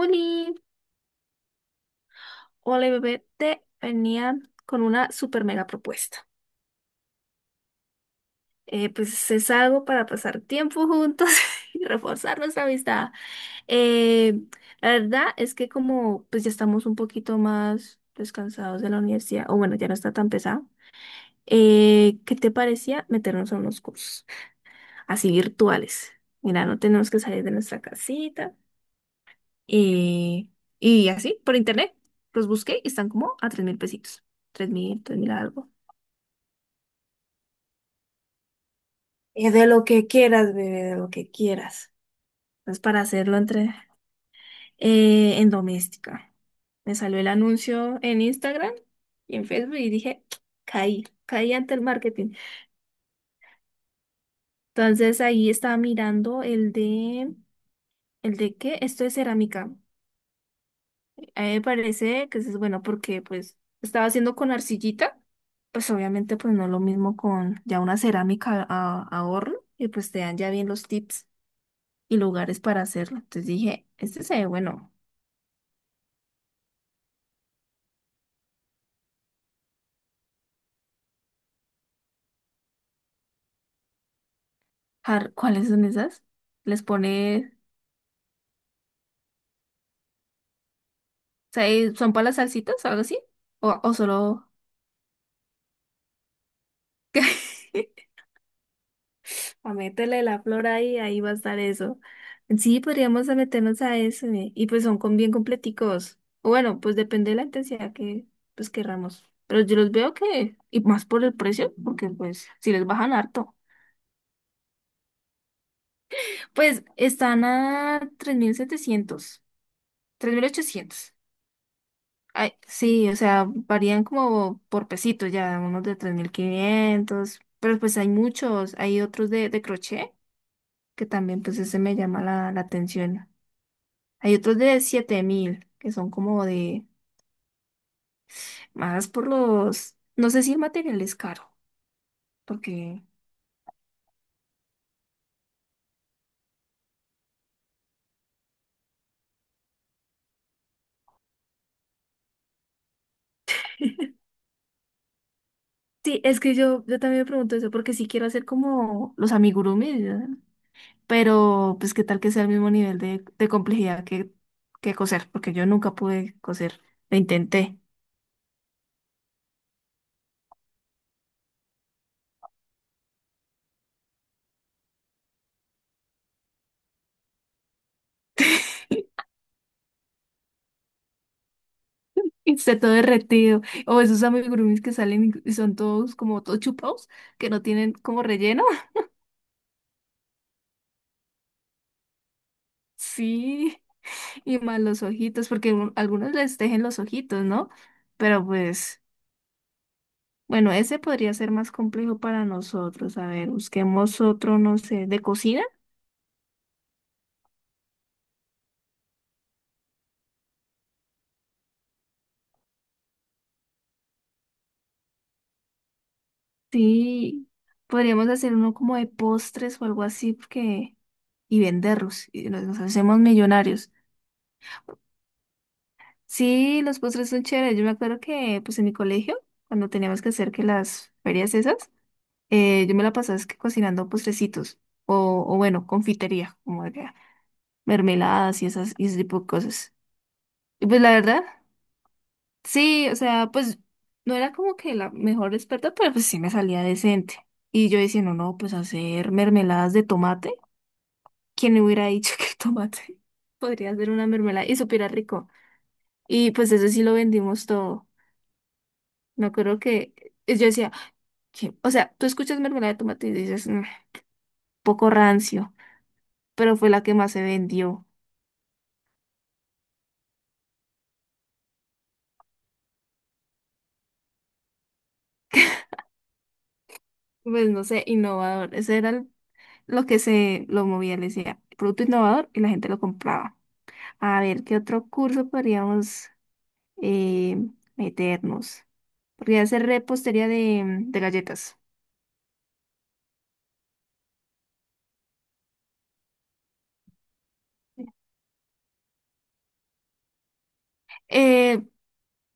Oli, hola bebé, te venía con una super mega propuesta. Pues es algo para pasar tiempo juntos y reforzar nuestra amistad. Eh, la verdad es que como pues ya estamos un poquito más descansados de la universidad, o bueno, ya no está tan pesado, ¿qué te parecía meternos a unos cursos así virtuales? Mira, no tenemos que salir de nuestra casita eh, y así por internet. Los busqué y están como a 3.000 pesitos. 3.000, 3.000 algo. De lo que quieras, bebé, de lo que quieras. Es para hacerlo entre en doméstica. Me salió el anuncio en Instagram y en Facebook y dije, caí ante el marketing. Entonces ahí estaba mirando ¿el de qué? Esto es cerámica. A mí me parece que eso es bueno porque pues estaba haciendo con arcillita, pues obviamente pues no es lo mismo con ya una cerámica a horno y pues te dan ya bien los tips. Y lugares para hacerlo. Entonces dije, este se ve bueno. ¿Cuáles son esas? ¿Les pone, o sea, son para las salsitas o algo así? O solo... A meterle la flor ahí, ahí va a estar eso. Sí, podríamos a meternos a eso. Y pues son con bien completicos. O bueno, pues depende de la intensidad que pues querramos. Pero yo los veo que, y más por el precio, porque pues si les bajan harto. Pues están a 3.700, 3.800. Ay, sí, o sea, varían como por pesitos ya, unos de 3.500, pero pues hay muchos, hay otros de crochet, que también pues ese me llama la atención. Hay otros de 7.000 que son como de más por los, no sé si el material es caro, porque... Sí, es que yo también me pregunto eso, porque sí quiero hacer como los amigurumis, ¿verdad? Pero pues qué tal que sea el mismo nivel de complejidad que coser, porque yo nunca pude coser, lo intenté. Y está todo derretido. O esos amigurumis que salen y son todos como todos chupados, que no tienen como relleno. Sí, y más los ojitos, porque algunos les tejen los ojitos, ¿no? Pero pues, bueno, ese podría ser más complejo para nosotros. A ver, busquemos otro, no sé, de cocina. Sí, podríamos hacer uno como de postres o algo así, porque... y venderlos, y nos hacemos millonarios. Sí, los postres son chéveres. Yo me acuerdo que pues en mi colegio, cuando teníamos que hacer que las ferias esas, yo me la pasaba es que cocinando postrecitos o bueno, confitería, como de mermeladas y esas y ese tipo de cosas. Y pues la verdad, sí, o sea, pues no era como que la mejor experta, pero pues sí me salía decente. Y yo diciendo, no, no, pues hacer mermeladas de tomate, ¿quién me hubiera dicho que el tomate podría hacer una mermelada y supiera rico? Y pues eso sí lo vendimos todo. Me acuerdo que yo decía, o sea, tú escuchas mermelada de tomate y dices, "Mm, poco rancio", pero fue la que más se vendió. Pues no sé, innovador. Lo que se lo movía, le decía, producto innovador y la gente lo compraba. A ver, ¿qué otro curso podríamos eh, meternos? Podría ser repostería de galletas. Eh,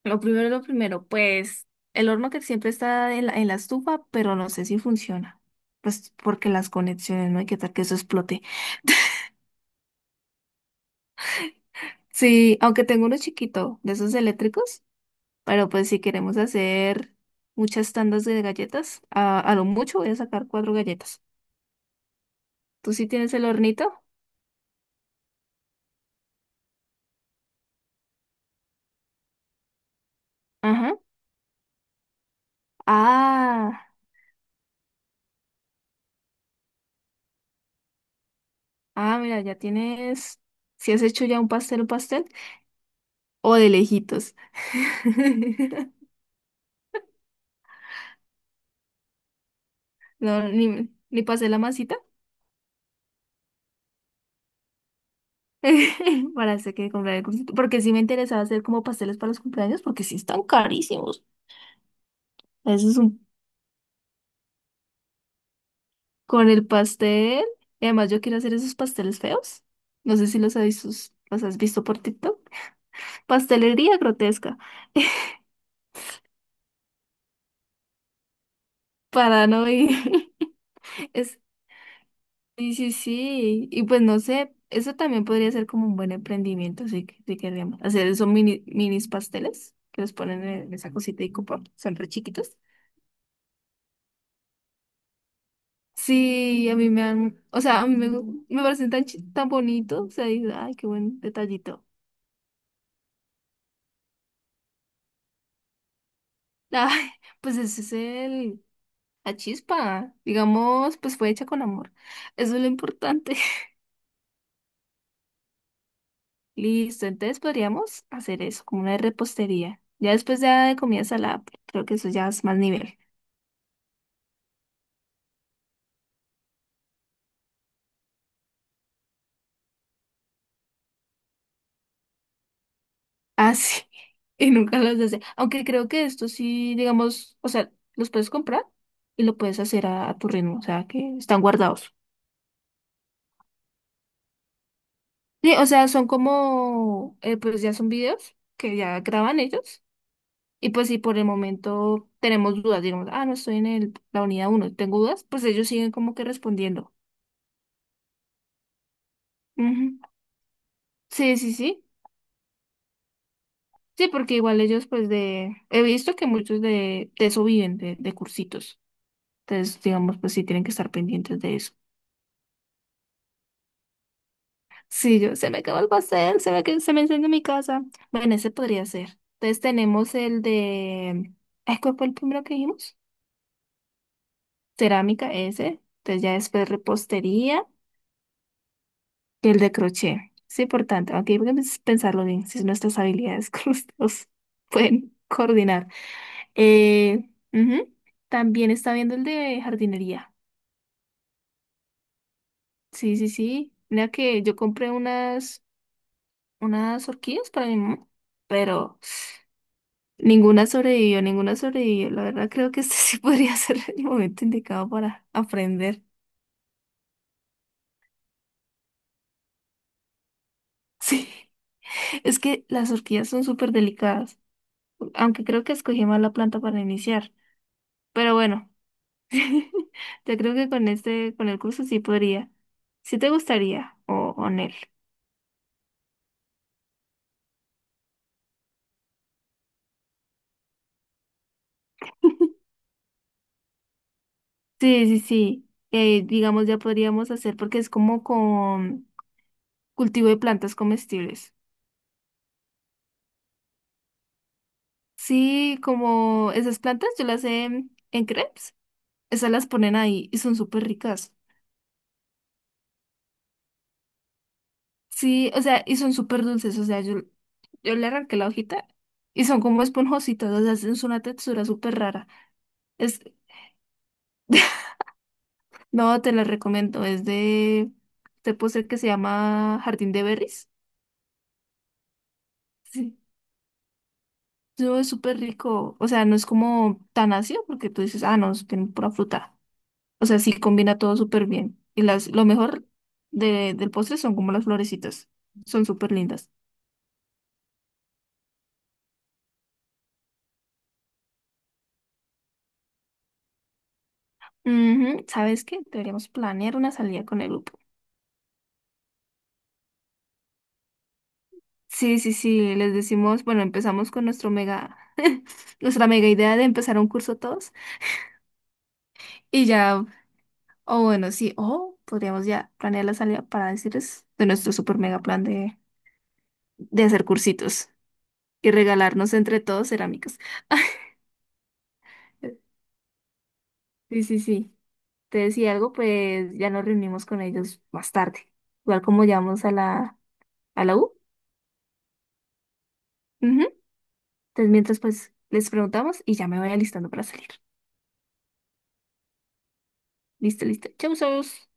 Lo primero, pues el horno que siempre está en la estufa, pero no sé si funciona. Pues porque las conexiones, no hay que tal que eso explote. Sí, aunque tengo uno chiquito de esos eléctricos, pero pues si queremos hacer muchas tandas de galletas, a lo mucho voy a sacar cuatro galletas. ¿Tú sí tienes el hornito? Ajá. Ah, ah, mira, ya tienes. Si has hecho ya un pastel, o de lejitos. No, ni, ni pasé la masita. Para hacer que comprar el cursito. Porque sí me interesaba hacer como pasteles para los cumpleaños, porque sí están carísimos. Eso es un... Con el pastel. Y además yo quiero hacer esos pasteles feos. No sé si los has visto, los has visto por TikTok. Pastelería grotesca. Para no ir. Es... Sí, sí, sí. Y pues no sé, eso también podría ser como un buen emprendimiento, así que si querríamos. Hacer esos mini, minis pasteles que los ponen en esa cosita y cupo. Son re chiquitos. Sí, a mí me han, o sea, a mí me, me parecen tan, tan bonitos, o sea, dices, ay, qué buen detallito. Ay, pues ese es el, la chispa, digamos, pues fue hecha con amor. Eso es lo importante. Listo, entonces podríamos hacer eso, como una repostería. Ya después ya de comida salada, pues, creo que eso ya es más nivel. Ah, sí, y nunca los hace. Aunque creo que esto sí, digamos, o sea, los puedes comprar y lo puedes hacer a tu ritmo, o sea, que están guardados. Sí, o sea, son como, pues ya son videos que ya graban ellos. Y pues si por el momento tenemos dudas, digamos, ah, no estoy en el, la unidad uno, tengo dudas, pues ellos siguen como que respondiendo. Ujú. Sí, sí, sí. Sí, porque igual ellos, pues de, he visto que muchos de eso viven, de cursitos. Entonces, digamos, pues sí tienen que estar pendientes de eso. Sí, yo, se me acabó el pastel, se me, se me incendió mi casa. Bueno, ese podría ser. Entonces tenemos el de, ay, ¿cuál fue el primero que dijimos? Cerámica ese, entonces ya después repostería y el de crochet. Es importante, aunque hay que pensarlo bien, si nuestras habilidades con pueden coordinar. Ujú, también está viendo el de jardinería. Sí, sí, sí. Mira que yo compré unas, unas orquídeas para mi mamá, pero ninguna sobrevivió, ninguna sobrevivió. La verdad creo que este sí podría ser el momento indicado para aprender. Sí. Es que las orquídeas son súper delicadas. Aunque creo que escogí mal la planta para iniciar. Pero bueno, yo creo que con este, con el curso sí podría. Sí te gustaría, o con él. Sí, sí, sí. Digamos, ya podríamos hacer porque es como con cultivo de plantas comestibles. Sí, como esas plantas, yo las he en crepes. Esas las ponen ahí y son súper ricas. Sí, o sea, y son súper dulces. O sea, yo le arranqué la hojita y son como esponjositas. O sea, es una textura súper rara. Es. No, te la recomiendo. Es de este postre que se llama Jardín de Berries. Sí. No, es súper rico. O sea, no es como tan ácido porque tú dices, ah, no, es que pura fruta. O sea, sí combina todo súper bien. Y las, lo mejor del postre son como las florecitas. Son súper lindas. Ujú, ¿sabes qué? Deberíamos planear una salida con el grupo. Sí, sí, sí. Les decimos, bueno, empezamos con nuestro mega, nuestra mega idea de empezar un curso todos. Y ya. O bueno, sí, o podríamos ya planear la salida para decirles de nuestro super mega plan de hacer cursitos y regalarnos entre todos cerámicas. Sí, sí, sí. Te decía algo, pues ya nos reunimos con ellos más tarde, igual como llamamos a la U. Ujú. Entonces, mientras pues les preguntamos y ya me voy alistando para salir. Listo, listo. Chau, chau.